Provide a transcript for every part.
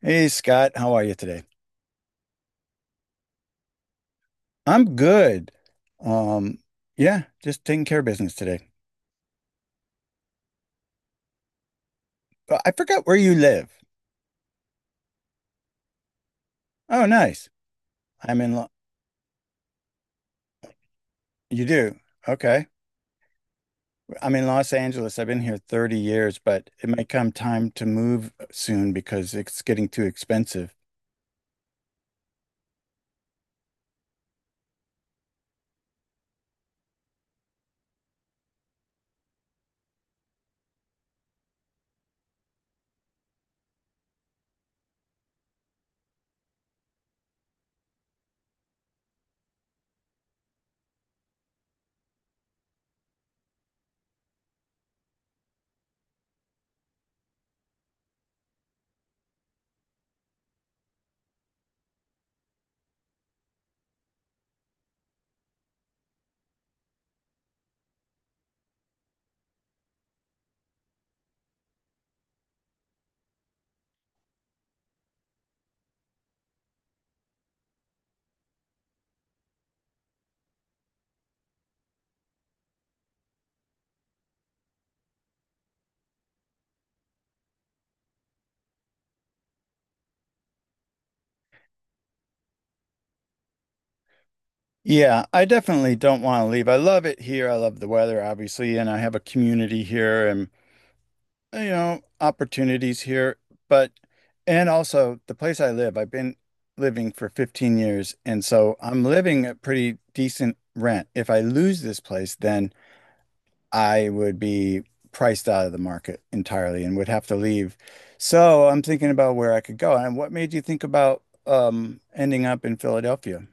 Hey Scott, how are you today? I'm good. Um, yeah, just taking care of business today. I forgot where you live. Oh, nice. I'm in Lo you do. Okay. I'm in Los Angeles. I've been here 30 years, but it may come time to move soon because it's getting too expensive. Yeah, I definitely don't want to leave. I love it here. I love the weather, obviously, and I have a community here and, you know, opportunities here, but and also the place I live, I've been living for 15 years, and so I'm living at pretty decent rent. If I lose this place, then I would be priced out of the market entirely and would have to leave. So I'm thinking about where I could go. And what made you think about ending up in Philadelphia?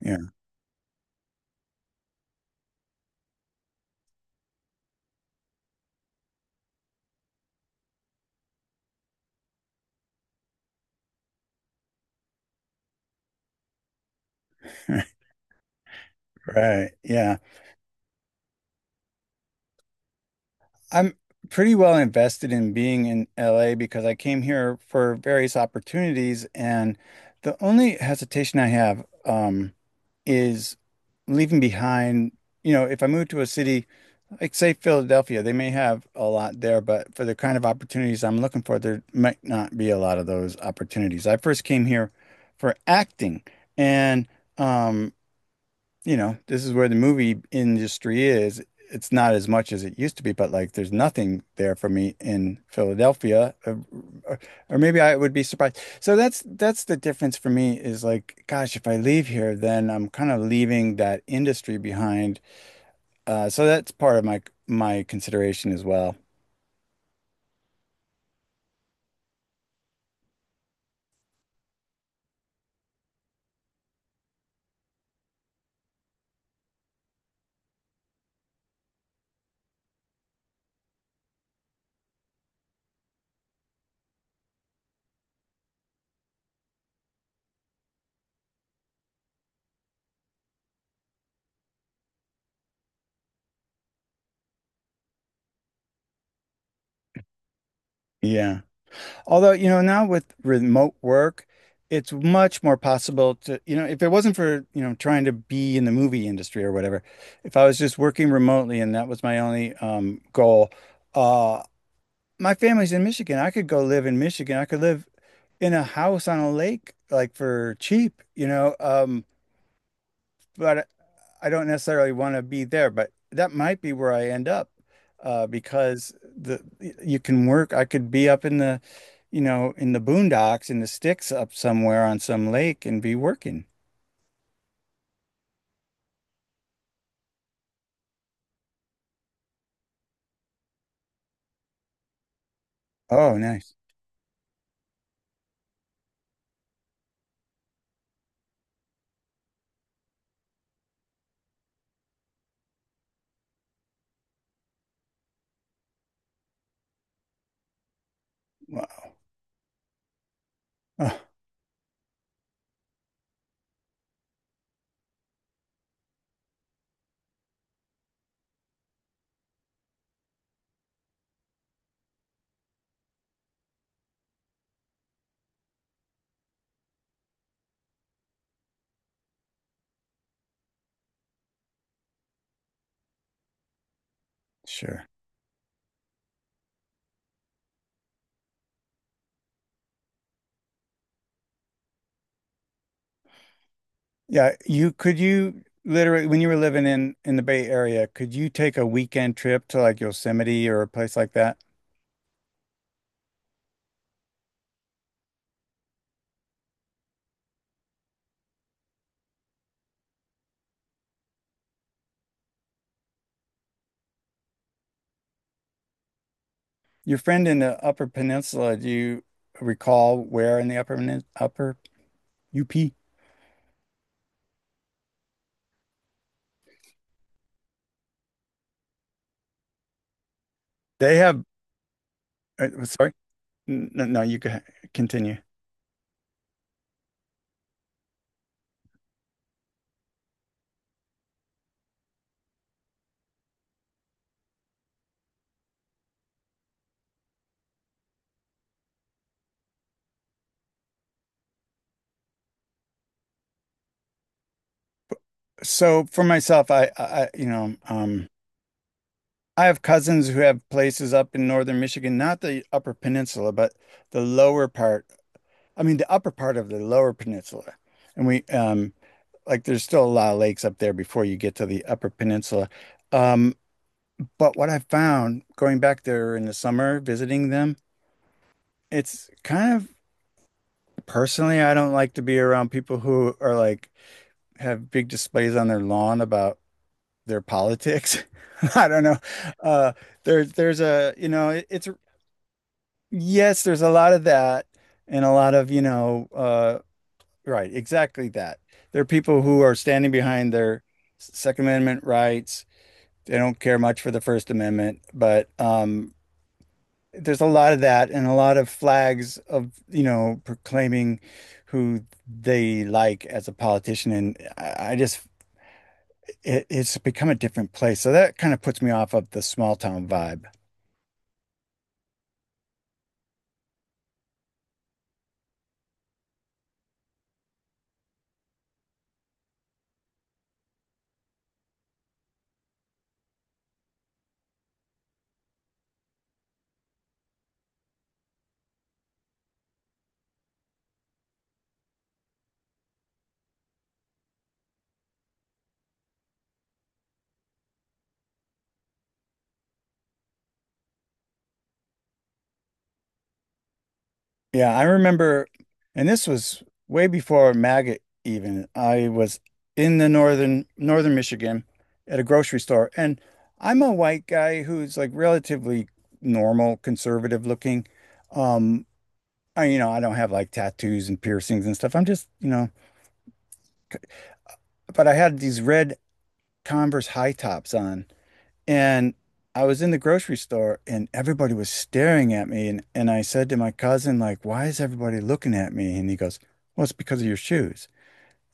Yeah. Right. Yeah. I'm pretty well invested in being in LA because I came here for various opportunities, and the only hesitation I have is leaving behind. You know, if I move to a city like, say, Philadelphia, they may have a lot there, but for the kind of opportunities I'm looking for, there might not be a lot of those opportunities. I first came here for acting, and um, you know, this is where the movie industry is. It's not as much as it used to be, but like there's nothing there for me in Philadelphia, or, or maybe I would be surprised. So that's the difference for me is like, gosh, if I leave here, then I'm kind of leaving that industry behind. So that's part of my consideration as well. Yeah. Although, you know, now with remote work, it's much more possible to, you know, if it wasn't for, you know, trying to be in the movie industry or whatever, if I was just working remotely and that was my only goal, uh, my family's in Michigan. I could go live in Michigan. I could live in a house on a lake, like for cheap, you know. But I don't necessarily want to be there, but that might be where I end up because the you can work. I could be up in the, you know, in the boondocks in the sticks up somewhere on some lake and be working. Oh, nice. Well, oh, sure. Yeah, you could you literally when you were living in the Bay Area, could you take a weekend trip to like Yosemite or a place like that? Your friend in the Upper Peninsula, do you recall where in the Upper UP? They have, sorry, no, no, you can continue. So for myself, you know, I have cousins who have places up in northern Michigan, not the Upper Peninsula, but the lower part. I mean, the upper part of the Lower Peninsula, and we, like, there's still a lot of lakes up there before you get to the Upper Peninsula. Um, but what I found going back there in the summer, visiting them. It's kind of personally, I don't like to be around people who are like have big displays on their lawn about their politics. I don't know. Uh, there's a, you know, it's yes, there's a lot of that and a lot of, you know, right, exactly that. There are people who are standing behind their Second Amendment rights. They don't care much for the First Amendment, but there's a lot of that and a lot of flags of, you know, proclaiming who they like as a politician. And I just, it's become a different place. So that kind of puts me off of the small town vibe. Yeah, I remember, and this was way before MAGA even. I was in the northern Michigan at a grocery store, and I'm a white guy who's like relatively normal, conservative looking. Um, I, you know, I don't have like tattoos and piercings and stuff. I'm just, you know, but I had these red Converse high tops on and I was in the grocery store and everybody was staring at me and I said to my cousin, like, why is everybody looking at me? And he goes, well, it's because of your shoes.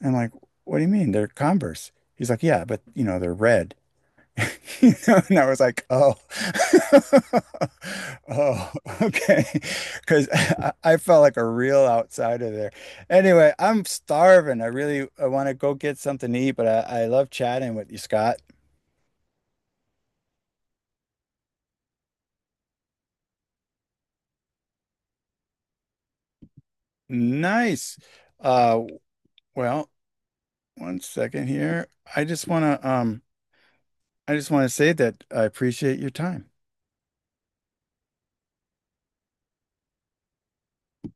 And I'm like, what do you mean? They're Converse. He's like, yeah, but you know, they're red. You know, and I was like, "Oh, oh, okay," because I felt like a real outsider there. Anyway, I'm starving. I want to go get something to eat, but I love chatting with you, Scott. Nice. Uh, well, one second here. I just wanna um, I just want to say that I appreciate your time.